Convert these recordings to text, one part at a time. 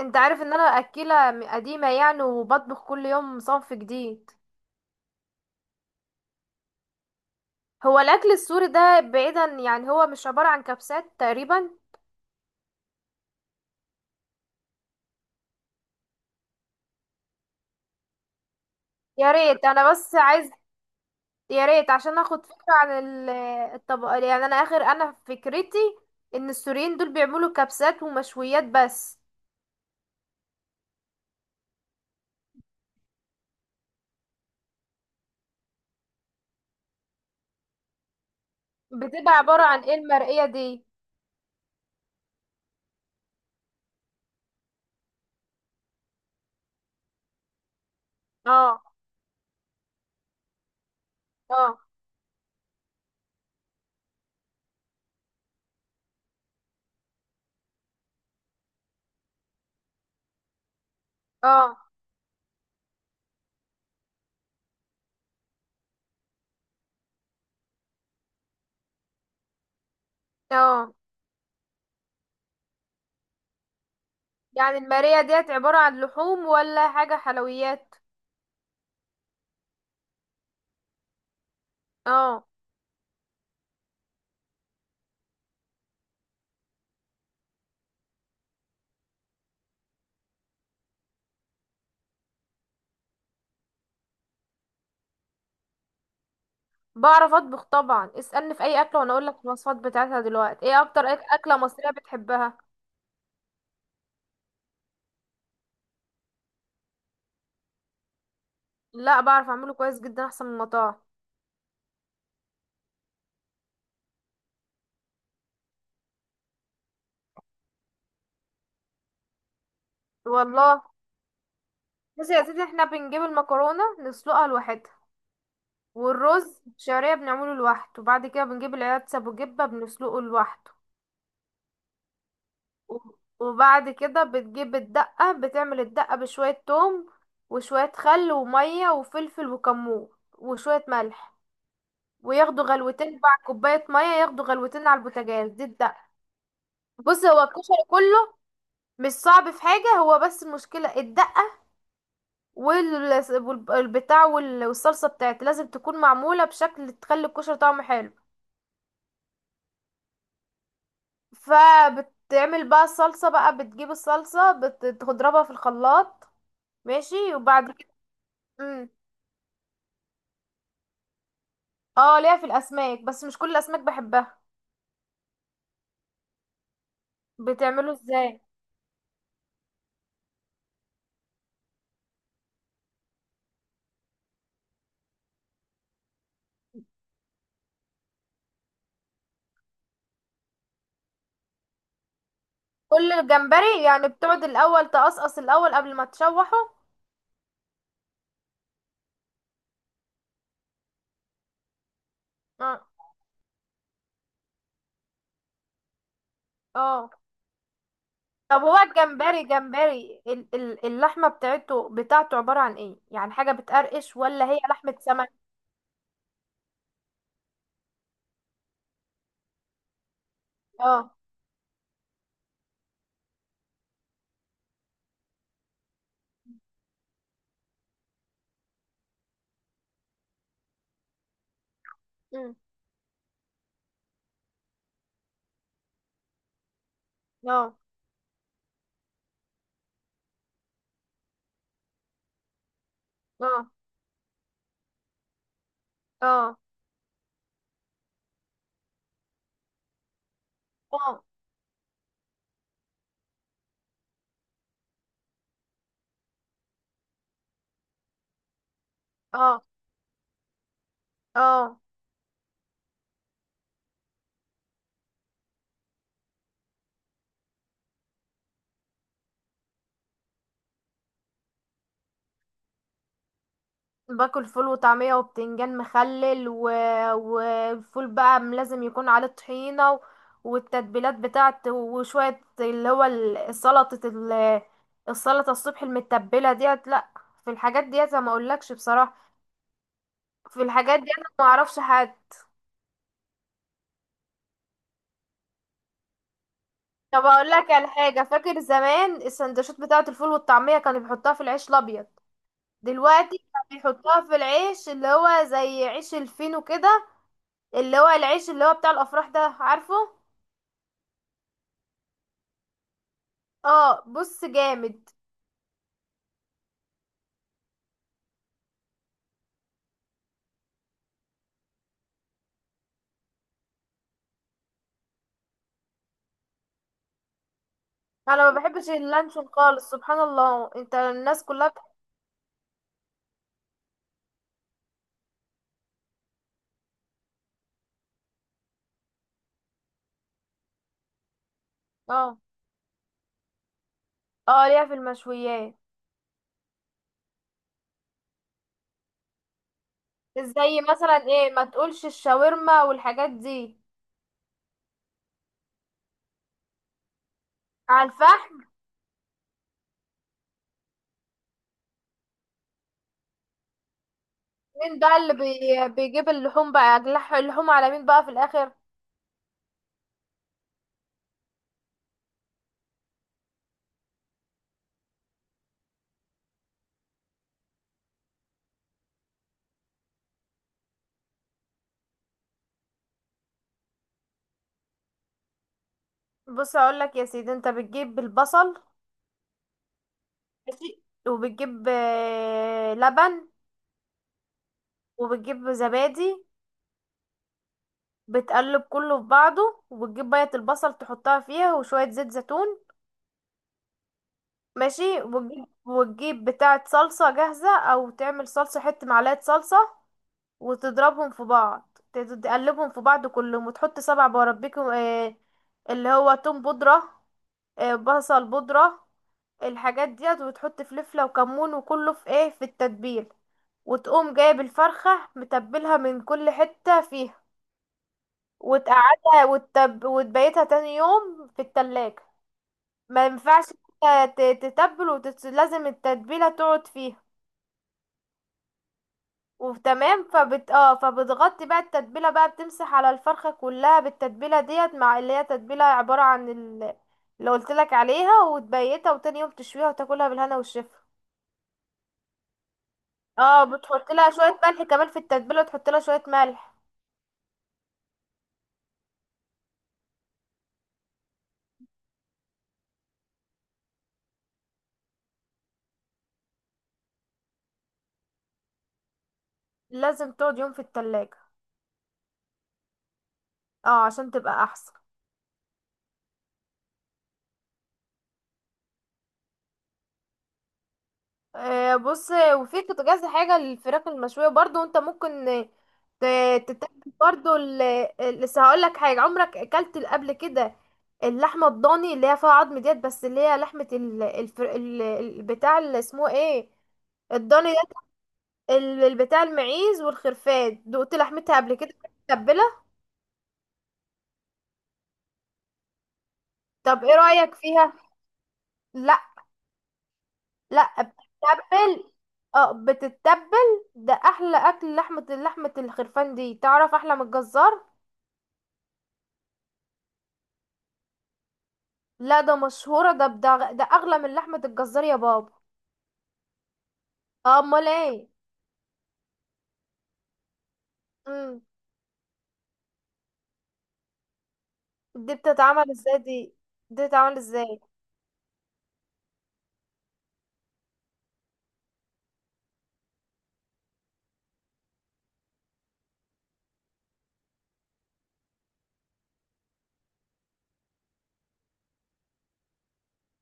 انت عارف ان انا اكلة قديمة، يعني وبطبخ كل يوم صنف جديد. هو الاكل السوري ده بعيدا، يعني هو مش عبارة عن كبسات تقريبا. يا ريت انا بس عايز يا ريت عشان اخد فكرة عن الطبق، يعني انا فكرتي ان السوريين دول بيعملوا كبسات ومشويات بس. بتبقى عبارة عن ايه المرقية دي؟ اه، اه، اه، اه. يعني المرقية ديت عبارة عن لحوم ولا حاجة حلويات؟ اه. بعرف اطبخ طبعا، اسألني في اي اكلة وانا اقول لك الوصفات بتاعتها. دلوقتي ايه اكتر اكلة مصرية بتحبها؟ لا، بعرف اعمله كويس جدا احسن من المطاعم. والله. بصي يا سيدي، احنا بنجيب المكرونة نسلقها لوحدها، والرز الشعرية بنعمله لوحده، وبعد كده بنجيب العدس ابو جبة بنسلقه لوحده، و- وبعد كده بتجيب الدقة، بتعمل الدقة بشوية توم وشوية خل ومية وفلفل وكمون وشوية ملح، وياخدوا غلوتين مع كوباية مية، ياخدوا غلوتين على البوتاجاز. دي الدقة. بص، هو الكشري كله مش صعب في حاجة، هو بس المشكلة الدقة وال- والبتاع والصلصة بتاعت لازم تكون معمولة بشكل تخلي الكشري طعمه حلو. فبتعمل بقى الصلصة، بقى بتجيب الصلصة بتضربها في الخلاط، ماشي، وبعد كده. مم. اه، ليها في الأسماك بس مش كل الأسماك بحبها. بتعمله ازاي؟ كل الجمبري يعني بتقعد الأول تقصقص الأول قبل ما تشوحه؟ اه. اه. طب هو الجمبري، اللحمة بتاعته عبارة عن ايه يعني، حاجة بتقرقش ولا هي لحمة سمك؟ اه. مم. اه، اه، اه، اه، اه، اه. باكل فول وطعمية وبتنجان مخلل، و... والفول بقى لازم يكون عليه طحينة، و... والتتبيلات بتاعته، وشوية اللي هو سلطة السلطة الصبح المتبلة ديت، لا. في الحاجات ديت أنا ما اقولكش بصراحة. في الحاجات ديت أنا ما اعرفش حاجة. طب اقول لك على حاجه، فاكر زمان السندوتشات بتاعه الفول والطعميه كانوا بيحطوها في العيش الابيض، دلوقتي كانوا بيحطوها في العيش اللي هو زي عيش الفينو كده، اللي هو العيش اللي هو بتاع الافراح ده، عارفه؟ اه، بص جامد. انا ما بحبش اللانشون خالص، سبحان الله، انت الناس كلها اه. اه، ليها في المشويات. زي مثلا ايه، ما تقولش الشاورما والحاجات دي. على الفحم؟ مين بقى اللي بيجيب اللحوم، بقى اللحوم على مين بقى في الاخر؟ بص اقول لك يا سيدي، انت بتجيب البصل، ماشي، وبتجيب لبن، وبتجيب زبادي، بتقلب كله في بعضه وبتجيب بيضة البصل تحطها فيها وشوية زيت زيتون، ماشي، وتجيب بتاعة صلصة جاهزة او تعمل صلصة حتة، معلقة صلصة، وتضربهم في بعض، تقلبهم في بعض كلهم، وتحط سبع بربيكم، اللي هو توم بودرة، بصل بودرة، الحاجات ديت، وتحط فلفلة وكمون، وكله في ايه، في التتبيل، وتقوم جايب الفرخة متبلها من كل حتة فيها، وتقعدها وتبيتها تاني يوم في التلاجة. ما ينفعش، إنت تتبل لازم التتبيلة تقعد فيها، وتمام. فبتغطي بقى التتبيله، بقى بتمسح على الفرخه كلها بالتتبيله ديت مع اللي هي تتبيله عباره عن اللي قلت لك عليها، وتبيتها، وتاني يوم تشويها وتاكلها بالهنا والشفا. اه، بتحط لها شويه ملح كمان في التتبيله، وتحط لها شويه ملح. لازم تقعد يوم في التلاجة. اه، عشان تبقى احسن. بص، وفي كذا حاجة للفراخ المشوية برضو، انت ممكن، تتاكل برضو لسه هقول لك حاجة عمرك اكلت قبل كده. اللحمة الضاني اللي هي فيها عظم ديت، بس اللي هي لحمة ال... الفر... ال... ال- بتاع، اللي اسمه ايه، الضاني ديت، بتاع المعيز والخرفان، دقت لحمتها قبل كده متبلة؟ طب ايه رأيك فيها؟ لا. لا، بتتبل. اه، بتتبل، ده احلى اكل لحمة، لحمة الخرفان دي تعرف احلى من الجزار. لا، ده مشهورة، ده بدا ده أغلى من لحمة الجزار يا بابا. أمال ايه. مم. دي بتتعمل ازاي دي؟ دي بتتعمل ازاي؟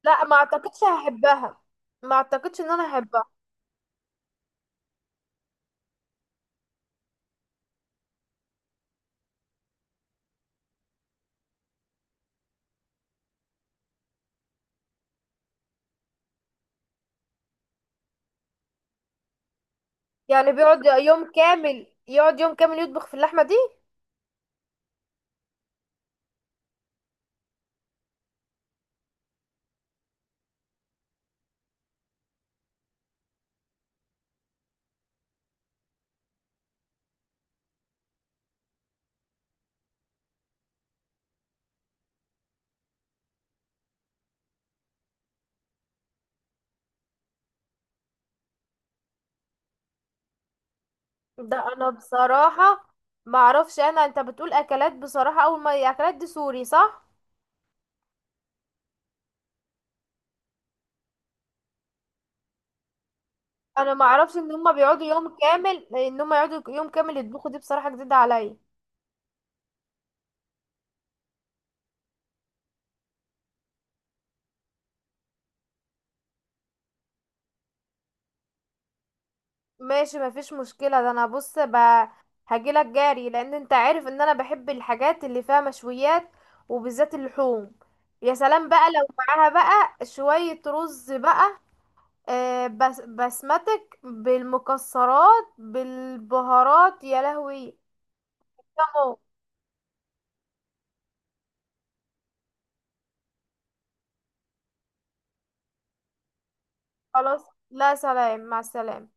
لا، ما اعتقدش هحبها، ما اعتقدش ان انا هحبها. يعني بيقعد يوم كامل، يقعد يوم كامل يطبخ في اللحمة دي؟ ده انا بصراحة ما اعرفش، انا انت بتقول اكلات بصراحة، اول ما اكلات دي سوري، صح؟ انا ما اعرفش ان هما بيقعدوا يوم كامل، ان هما يقعدوا يوم كامل يطبخوا دي، بصراحة جديدة عليا. ماشي، مفيش مشكلة، ده انا بص هجيلك جاري لان انت عارف ان انا بحب الحاجات اللي فيها مشويات، وبالذات اللحوم. يا سلام بقى لو معاها بقى شوية رز بقى، بس بسمتك بالمكسرات بالبهارات، يا لهوي. تمام. خلاص، لا، سلام، مع السلامة.